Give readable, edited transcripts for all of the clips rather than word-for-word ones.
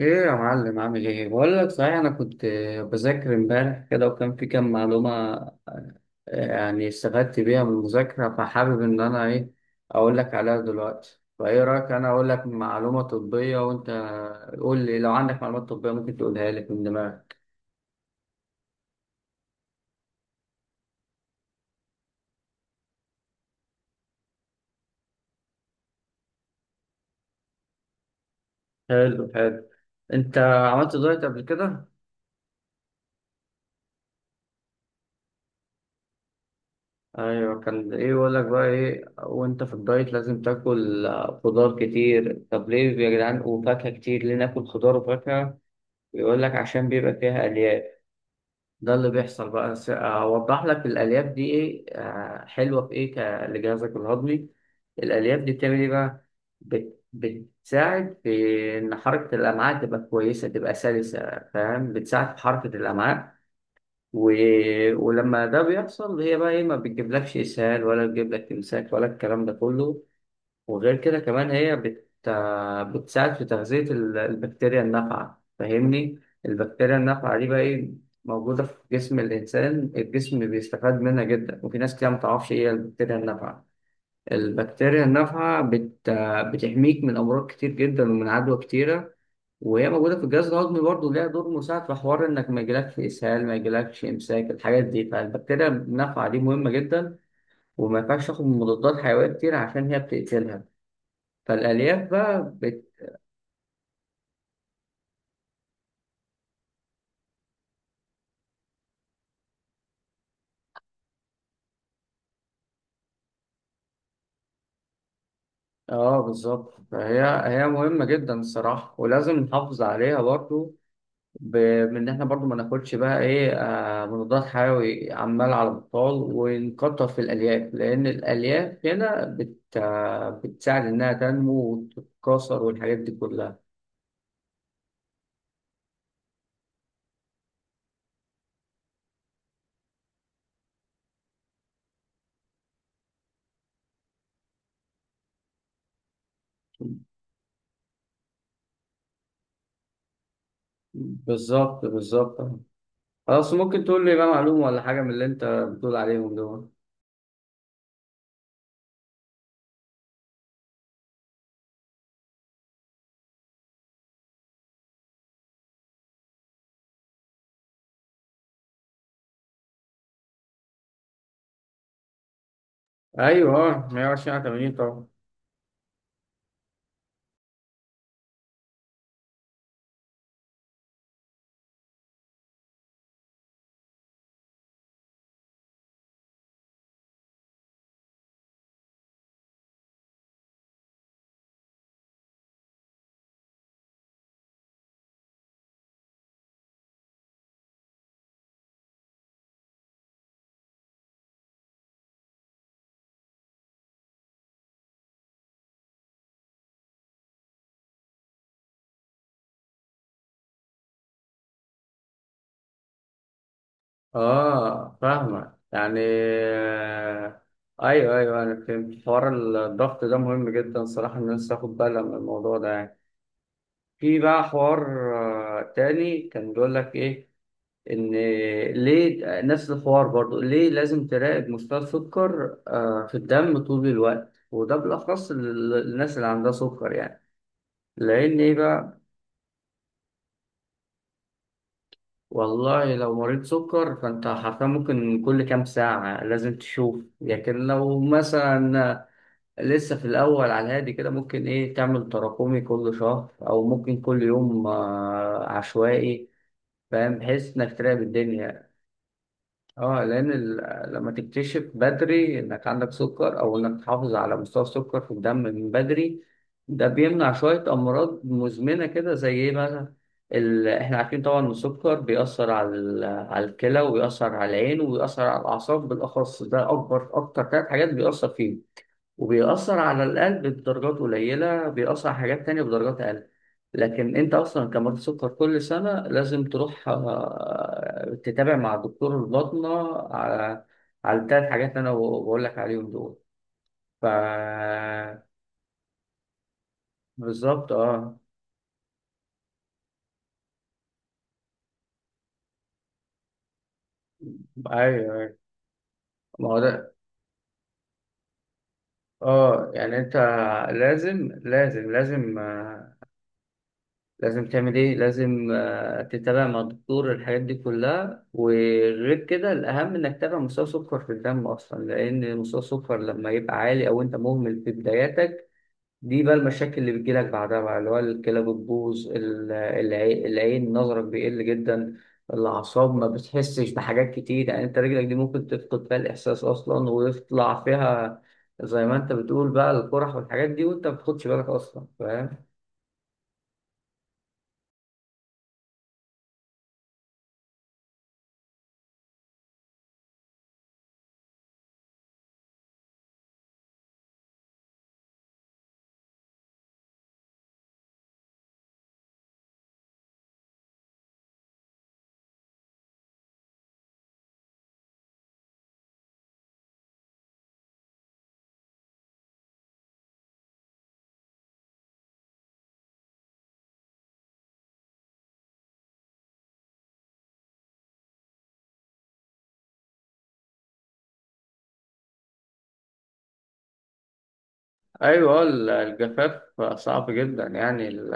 ايه يا معلم، عامل ايه؟ بقول لك، صحيح، انا كنت بذاكر امبارح كده وكان في كام معلومه. يعني استفدت بيها من المذاكره، فحابب ان انا ايه اقول لك عليها دلوقتي. فايه رايك؟ انا اقول لك معلومه طبيه وانت قول لي لو عندك معلومات طبيه ممكن تقولها لي من دماغك. حلو حلو. انت عملت دايت قبل كده؟ ايوه، كان ايه يقول لك بقى؟ ايه وانت في الدايت؟ لازم تاكل خضار كتير. طب ليه يا جدعان؟ وفاكهه كتير، ليه ناكل خضار وفاكهه؟ بيقول لك عشان بيبقى فيها الياف. ده اللي بيحصل بقى. اوضح لك الالياف دي ايه حلوه في ايه لجهازك الهضمي. الالياف دي بتعمل ايه بقى؟ بتساعد في ان حركه الامعاء تبقى كويسه، تبقى سلسه. فاهم؟ بتساعد في حركه الامعاء. و... ولما ده بيحصل هي بقى ايه؟ ما بتجيبلكش اسهال ولا بتجيب لك امساك ولا الكلام ده كله. وغير كده كمان هي بتساعد في تغذية البكتيريا النافعة. فاهمني؟ البكتيريا النافعة دي بقى إيه؟ موجودة في جسم الإنسان، الجسم بيستفاد منها جدا، وفي ناس كتير متعرفش إيه هي البكتيريا النافعة. البكتيريا النافعة بتحميك من أمراض كتير جدا ومن عدوى كتيرة، وهي موجودة في الجهاز الهضمي برضه، ليها دور مساعد في حوار إنك ما يجيلكش إسهال، ما يجيلكش إمساك، الحاجات دي. فالبكتيريا النافعة دي مهمة جدا، وما ينفعش تاخد مضادات حيوية كتير عشان هي بتقتلها. فالألياف بقى اه بالظبط. فهي مهمة جدا الصراحة، ولازم نحافظ عليها برضو ب... بإن احنا برضو ما ناخدش بقى ايه مضادات حيوي عمال على بطال، ونكتر في الألياف، لأن الألياف هنا بت... آه بتساعد إنها تنمو وتتكاثر والحاجات دي كلها. بالظبط بالظبط. خلاص، ممكن تقول لي بقى معلومة ولا حاجة من اللي أنت بتقول عليهم دول؟ أيوه، 120 على 80 طبعا. اه فاهمة يعني ايوه ايوه، انا فهمت حوار الضغط ده مهم جدا صراحة، الناس تاخد بالها من الموضوع ده يعني. في بقى حوار تاني كان بيقول لك ايه، ان ليه نفس الحوار برضو؟ ليه لازم تراقب مستوى السكر في الدم طول الوقت، وده بالاخص للناس اللي عندها سكر يعني. لان ايه بقى؟ والله لو مريض سكر فانت حرفيا ممكن كل كام ساعة لازم تشوف، لكن لو مثلا لسه في الأول على الهادي كده ممكن إيه تعمل تراكمي كل شهر أو ممكن كل يوم عشوائي. فاهم؟ بحيث إنك تراقب الدنيا. أه، لأن لما تكتشف بدري إنك عندك سكر، أو إنك تحافظ على مستوى السكر في الدم من بدري، ده بيمنع شوية أمراض مزمنة كده، زي إيه مثلا؟ إحنا عارفين طبعا إن السكر بيأثر على الكلى، وبيأثر على العين، وبيأثر على الأعصاب بالأخص. ده أكتر ثلاث حاجات بيأثر فيهم. وبيأثر على القلب بدرجات قليلة، بيأثر على حاجات تانية بدرجات أقل. لكن أنت أصلا كمريض سكر كل سنة لازم تروح تتابع مع دكتور الباطنة على التلات حاجات اللي أنا بقول لك عليهم دول. ف بالظبط أه. أيوه. ما هو ده. أه يعني أنت لازم لازم لازم آه، لازم تعمل ايه؟ لازم تتابع مع الدكتور الحاجات دي كلها، وغير كده الاهم انك تتابع مستوى سكر في الدم اصلا، لان مستوى السكر لما يبقى عالي او انت مهمل في بداياتك، دي بقى المشاكل اللي بتجيلك بعدها بقى، اللي هو الكلى بتبوظ، العين نظرك بيقل جدا، الاعصاب ما بتحسش بحاجات كتير، يعني انت رجلك دي ممكن تفقد فيها الاحساس اصلا، ويطلع فيها زي ما انت بتقول بقى القرح والحاجات دي، وانت ما بتاخدش بالك اصلا. فاهم؟ ايوه. الجفاف صعب جدا، يعني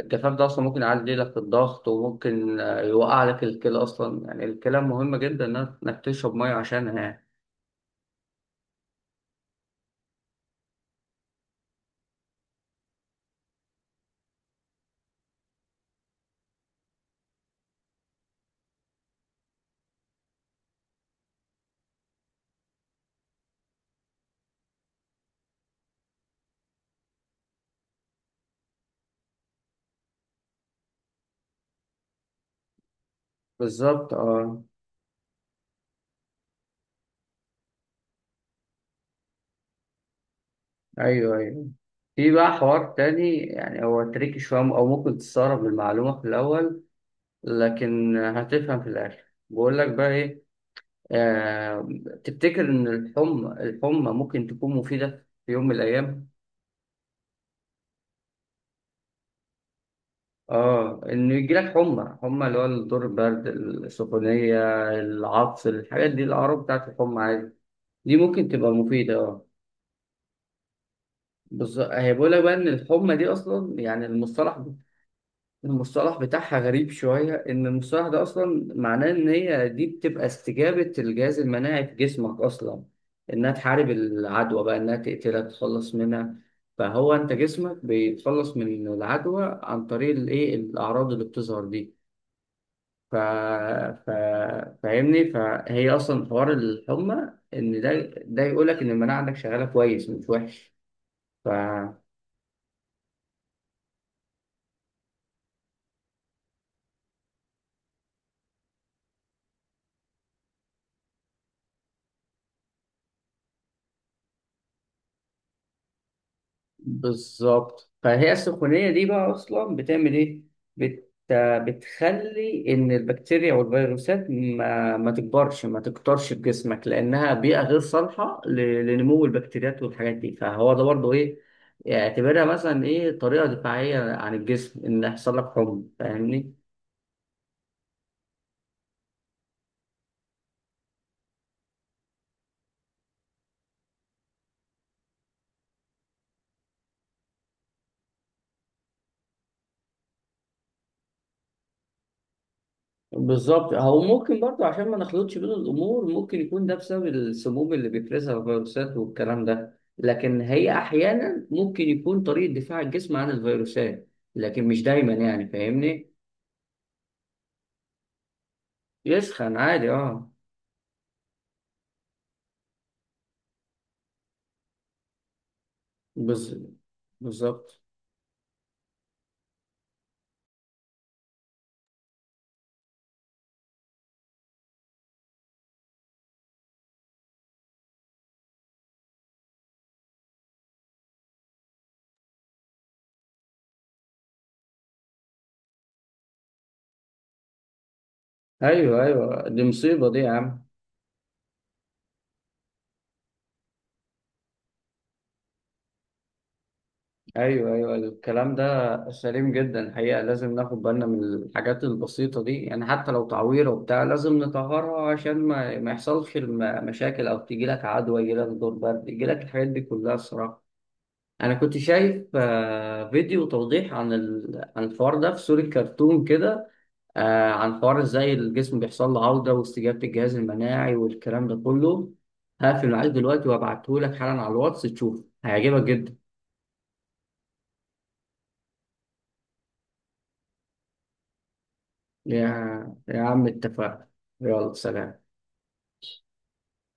الجفاف ده اصلا ممكن يعلي لك الضغط، وممكن يوقع لك الكلى اصلا. يعني الكلى مهمه جدا إنك تشرب ميه عشانها يعني. بالظبط اه. ايوه ايوه. في بقى حوار تاني، يعني هو تريكي شويه، او ممكن تستغرب المعلومه في الاول لكن هتفهم في الاخر. بقول لك بقى ايه آه تفتكر ان الحمى الحمى ممكن تكون مفيده في يوم من الايام؟ اه، انه يجيلك حمى حمى، اللي هو الدور، البرد، السخونيه، العطس، الحاجات دي الاعراض بتاعت الحمى عادي، دي ممكن تبقى مفيده اه. بالظبط، هي بقول لك بقى ان الحمى دي اصلا يعني المصطلح بتاعها غريب شويه، ان المصطلح ده اصلا معناه ان هي دي بتبقى استجابه الجهاز المناعي في جسمك اصلا، انها تحارب العدوى بقى، انها تقتلها، تتخلص منها. فهو انت جسمك بيتخلص من العدوى عن طريق الايه؟ الاعراض اللي بتظهر دي. ف... ف... فاهمني؟ فهي اصلا حوار الحمى ان ده يقول لك ان المناعه عندك شغاله كويس مش وحش. ف بالظبط. فهي السخونيه دي بقى اصلا بتعمل ايه؟ بت... بتخلي ان البكتيريا والفيروسات ما تكبرش، ما تكترش في جسمك، لانها بيئه غير صالحه لنمو البكتيريات والحاجات دي. فهو ده برضه ايه، اعتبرها مثلا ايه، طريقه دفاعيه عن الجسم ان يحصل لك حمى. فاهمني؟ بالظبط، او ممكن برضه عشان ما نخلطش بين الامور، ممكن يكون ده بسبب السموم اللي بيفرزها الفيروسات والكلام ده، لكن هي احيانا ممكن يكون طريقه دفاع الجسم عن الفيروسات، لكن مش دايما يعني. فاهمني؟ يسخن عادي اه. بز- بالظبط. ايوه ايوه، دي مصيبه دي يا عم. ايوه ايوه أيوه. الكلام ده سليم جدا الحقيقه، لازم ناخد بالنا من الحاجات البسيطه دي يعني، حتى لو تعويره وبتاع لازم نطهرها عشان ما يحصلش مشاكل، او تيجي لك عدوى، يجي لك دور برد، يجي لك الحاجات دي كلها الصراحه. انا كنت شايف فيديو توضيح عن الحوار ده في سوري كرتون كده، عن حوار ازاي الجسم بيحصل له عوده واستجابه الجهاز المناعي والكلام ده كله. هقفل معاك دلوقتي وابعته لك حالا على الواتس، تشوف هيعجبك جدا. يا عم اتفقنا. يلا سلام.